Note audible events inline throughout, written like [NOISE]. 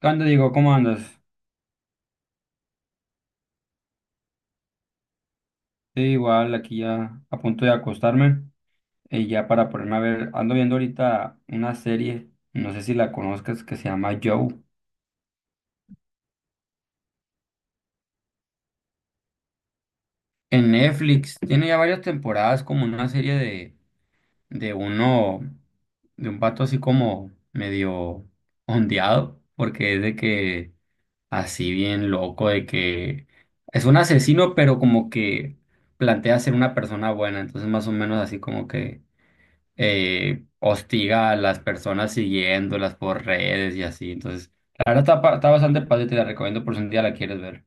¿Qué onda, Diego? ¿Cómo andas? Sí, igual aquí ya a punto de acostarme y ya para ponerme a ver, ando viendo ahorita una serie, no sé si la conozcas, que se llama Joe. En Netflix, tiene ya varias temporadas como una serie de uno, de un pato así como medio ondeado, porque es de que así bien loco, de que es un asesino, pero como que plantea ser una persona buena, entonces más o menos así como que... hostiga a las personas siguiéndolas por redes y así. Entonces, la verdad está bastante padre, te la recomiendo por si un día la quieres ver.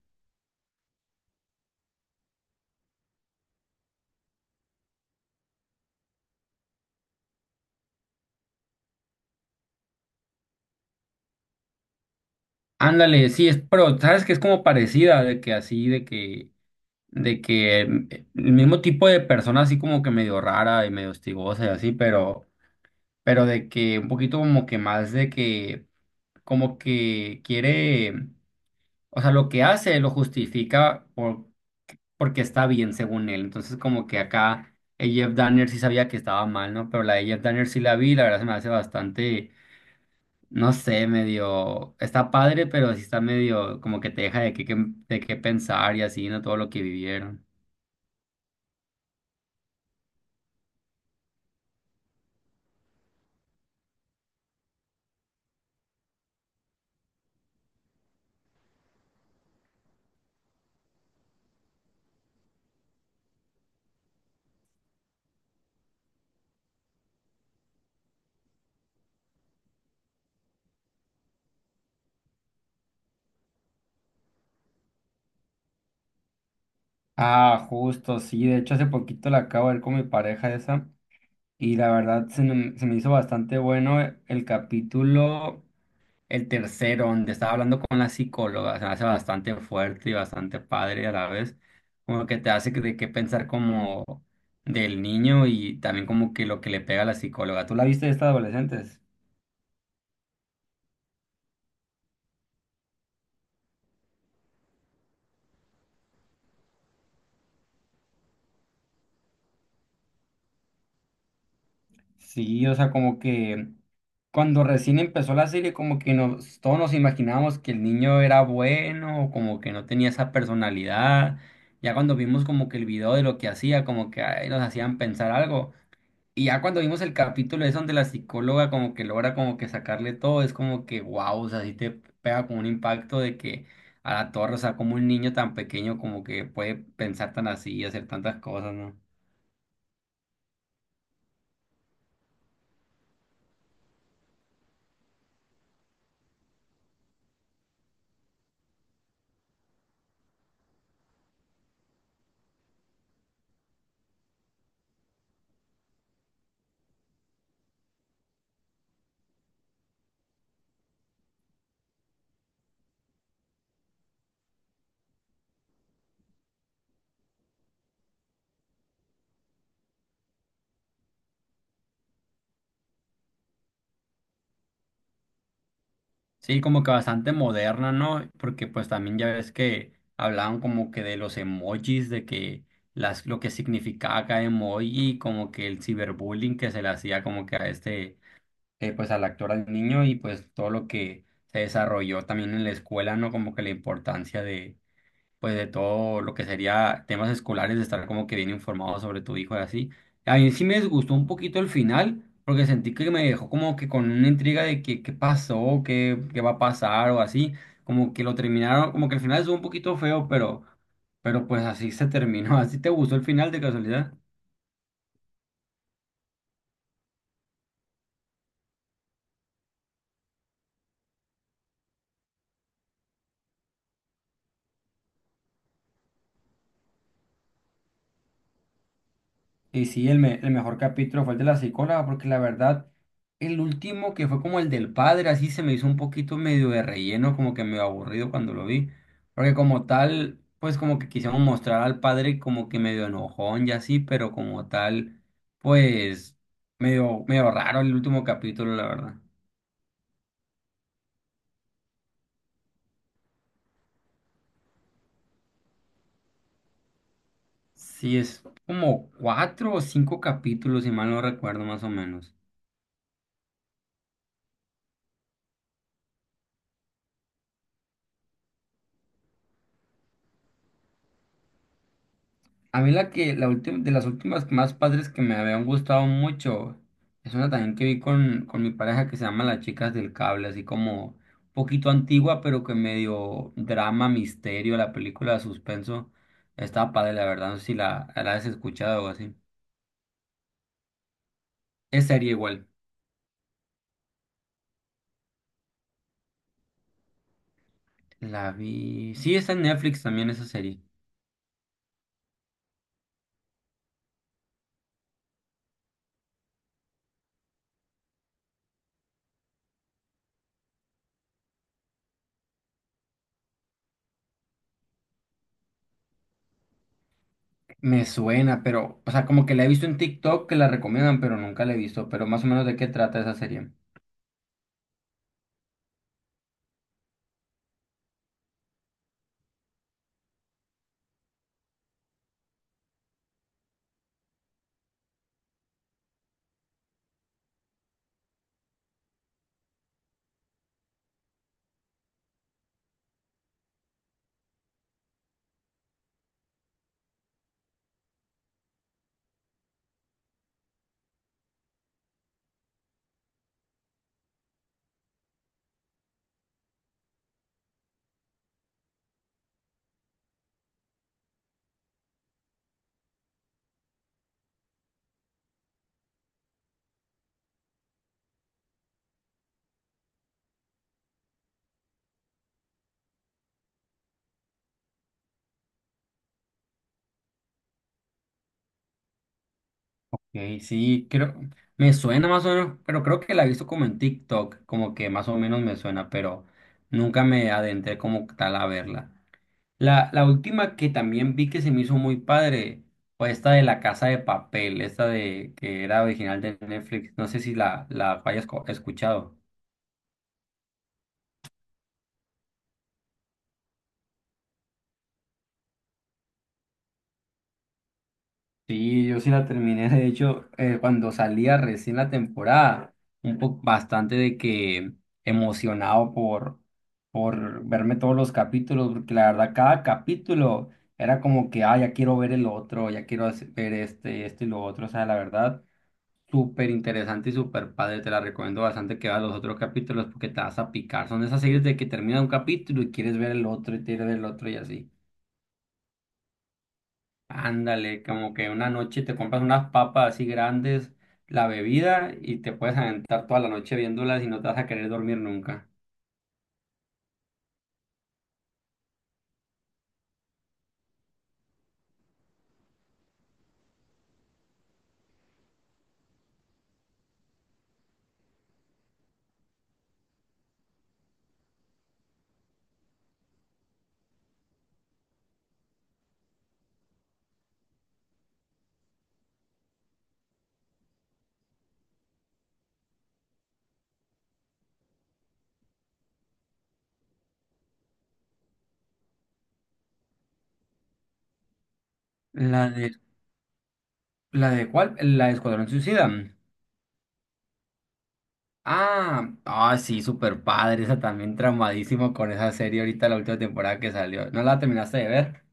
Ándale, sí, es, pero sabes que es como parecida, de que así, de que em, el mismo tipo de persona así como que medio rara y medio hostigosa y así, pero de que un poquito como que más de que, como que quiere. O sea, lo que hace lo justifica porque está bien, según él. Entonces, como que acá el Jeff Danner sí sabía que estaba mal, ¿no? Pero la de Jeff Danner sí la vi, la verdad se me hace bastante, no sé, medio, está padre, pero sí está medio como que te deja de qué pensar y así, ¿no? Todo lo que vivieron. Ah, justo, sí. De hecho, hace poquito la acabo de ver con mi pareja esa. Y la verdad se me hizo bastante bueno el capítulo. El tercero, donde estaba hablando con la psicóloga, se me hace bastante fuerte y bastante padre a la vez, como que te de qué pensar como del niño y también como que lo que le pega a la psicóloga. ¿Tú la viste de estas adolescentes? Sí, o sea, como que cuando recién empezó la serie, como que nos, todos nos imaginábamos que el niño era bueno, como que no tenía esa personalidad. Ya cuando vimos como que el video de lo que hacía, como que ay, nos hacían pensar algo. Y ya cuando vimos el capítulo es donde la psicóloga como que logra como que sacarle todo, es como que wow, o sea, sí te pega con un impacto de que a la torre, o sea, como un niño tan pequeño como que puede pensar tan así y hacer tantas cosas, ¿no? Sí, como que bastante moderna, ¿no? Porque pues también ya ves que hablaban como que de los emojis, de que las, lo que significaba cada emoji, como que el ciberbullying que se le hacía como que a este pues al actor, al niño y pues todo lo que se desarrolló también en la escuela, ¿no? Como que la importancia de, pues de todo lo que sería temas escolares, de estar como que bien informado sobre tu hijo y así. A mí sí me disgustó un poquito el final, porque sentí que me dejó como que con una intriga de que, qué pasó, qué, qué va a pasar o así, como que lo terminaron, como que el final estuvo un poquito feo, pero pues así se terminó. [LAUGHS] ¿Así te gustó el final de casualidad? Y sí, el mejor capítulo fue el de la psicóloga, porque la verdad, el último que fue como el del padre, así se me hizo un poquito medio de relleno, como que medio aburrido cuando lo vi. Porque como tal, pues como que quisieron mostrar al padre como que medio enojón y así, pero como tal, pues medio, medio raro el último capítulo, la verdad. Sí, es como cuatro o cinco capítulos, si mal no recuerdo, más o menos. A mí la que, la última, de las últimas más padres que me habían gustado mucho, es una también que vi con mi pareja que se llama Las Chicas del Cable, así como un poquito antigua, pero que medio drama, misterio, la película de suspenso. Estaba padre, la verdad, no sé si la has escuchado o así. Es serie igual. La vi. Sí, está en Netflix también esa serie. Me suena, pero, o sea, como que la he visto en TikTok que la recomiendan, pero nunca la he visto. Pero más o menos de qué trata esa serie. Ok, sí, creo, me suena más o menos, pero creo que la he visto como en TikTok, como que más o menos me suena, pero nunca me adentré como tal a verla. La última que también vi que se me hizo muy padre fue esta de La Casa de Papel, esta de que era original de Netflix, no sé si la hayas escuchado. Sí, yo sí la terminé, de hecho, cuando salía recién la temporada, un poco bastante de que emocionado por verme todos los capítulos, porque la verdad cada capítulo era como que, ah, ya quiero ver el otro, ya quiero ver este, este y lo otro, o sea, la verdad, súper interesante y súper padre, te la recomiendo bastante que veas los otros capítulos porque te vas a picar, son esas series de que termina un capítulo y quieres ver el otro y quieres ver el otro y así. Ándale, como que una noche te compras unas papas así grandes, la bebida y te puedes aventar toda la noche viéndolas y no te vas a querer dormir nunca. ¿La de, la de cuál? ¿La de Escuadrón Suicida? Ah, ah, sí, súper padre, esa también traumadísimo con esa serie ahorita, la última temporada que salió. ¿No la terminaste de ver?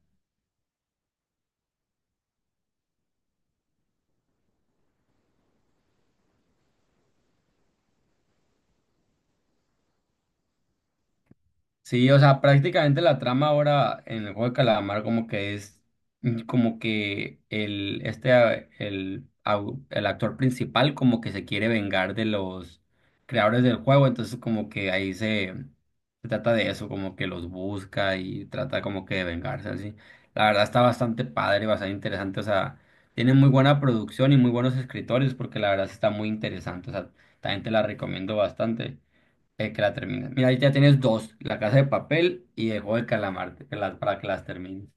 Sí, o sea, prácticamente la trama ahora en el juego de calamar como que es como que el este a- el, au- el actor principal como que se quiere vengar de los creadores del juego, entonces como que ahí se, se trata de eso, como que los busca y trata como que de vengarse así. La verdad está bastante padre, bastante interesante, o sea, tiene muy buena producción y muy buenos escritores porque la verdad sí está muy interesante, o sea, también te la recomiendo bastante. El que la termina. Mira, ahí ya tienes dos, La Casa de Papel y El Juego del Calamar, que para que las termines.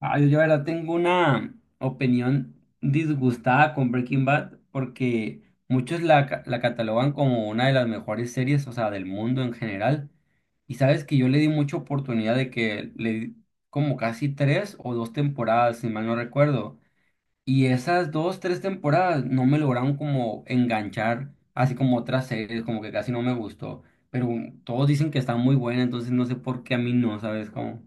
Ah, yo la verdad tengo una opinión disgustada con Breaking Bad porque muchos la catalogan como una de las mejores series, o sea, del mundo en general. Y sabes que yo le di mucha oportunidad de que le di como casi tres o dos temporadas, si mal no recuerdo. Y esas dos, tres temporadas no me lograron como enganchar, así como otras series, como que casi no me gustó. Pero todos dicen que está muy buena, entonces no sé por qué a mí no, ¿sabes cómo?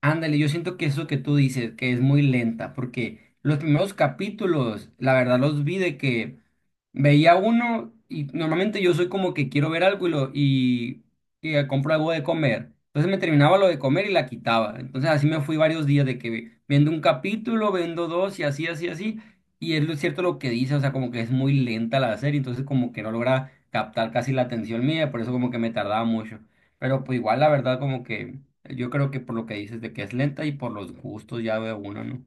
Ándale, yo siento que eso que tú dices, que es muy lenta, porque los primeros capítulos, la verdad los vi de que veía uno y normalmente yo soy como que quiero ver algo y compro algo de comer. Entonces me terminaba lo de comer y la quitaba. Entonces así me fui varios días de que viendo un capítulo, viendo dos y así, así, así. Y es lo cierto lo que dice, o sea, como que es muy lenta la serie, entonces como que no logra captar casi la atención mía, por eso como que me tardaba mucho. Pero pues igual la verdad como que... Yo creo que por lo que dices de que es lenta y por los gustos ya veo uno, ¿no?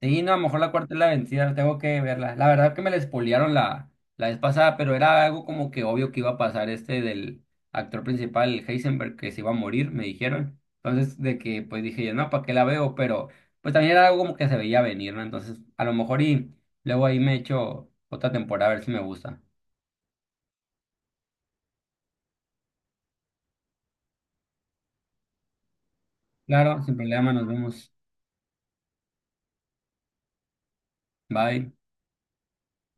Sí, no, a lo mejor la cuarta es la vencida, tengo que verla. La verdad que me la spoilearon la vez pasada, pero era algo como que obvio que iba a pasar este del actor principal, el Heisenberg, que se iba a morir, me dijeron. Entonces, de que pues dije yo, no, ¿para qué la veo? Pero pues también era algo como que se veía venir, ¿no? Entonces, a lo mejor y luego ahí me echo otra temporada a ver si me gusta. Claro, sin problema, nos vemos. Bye.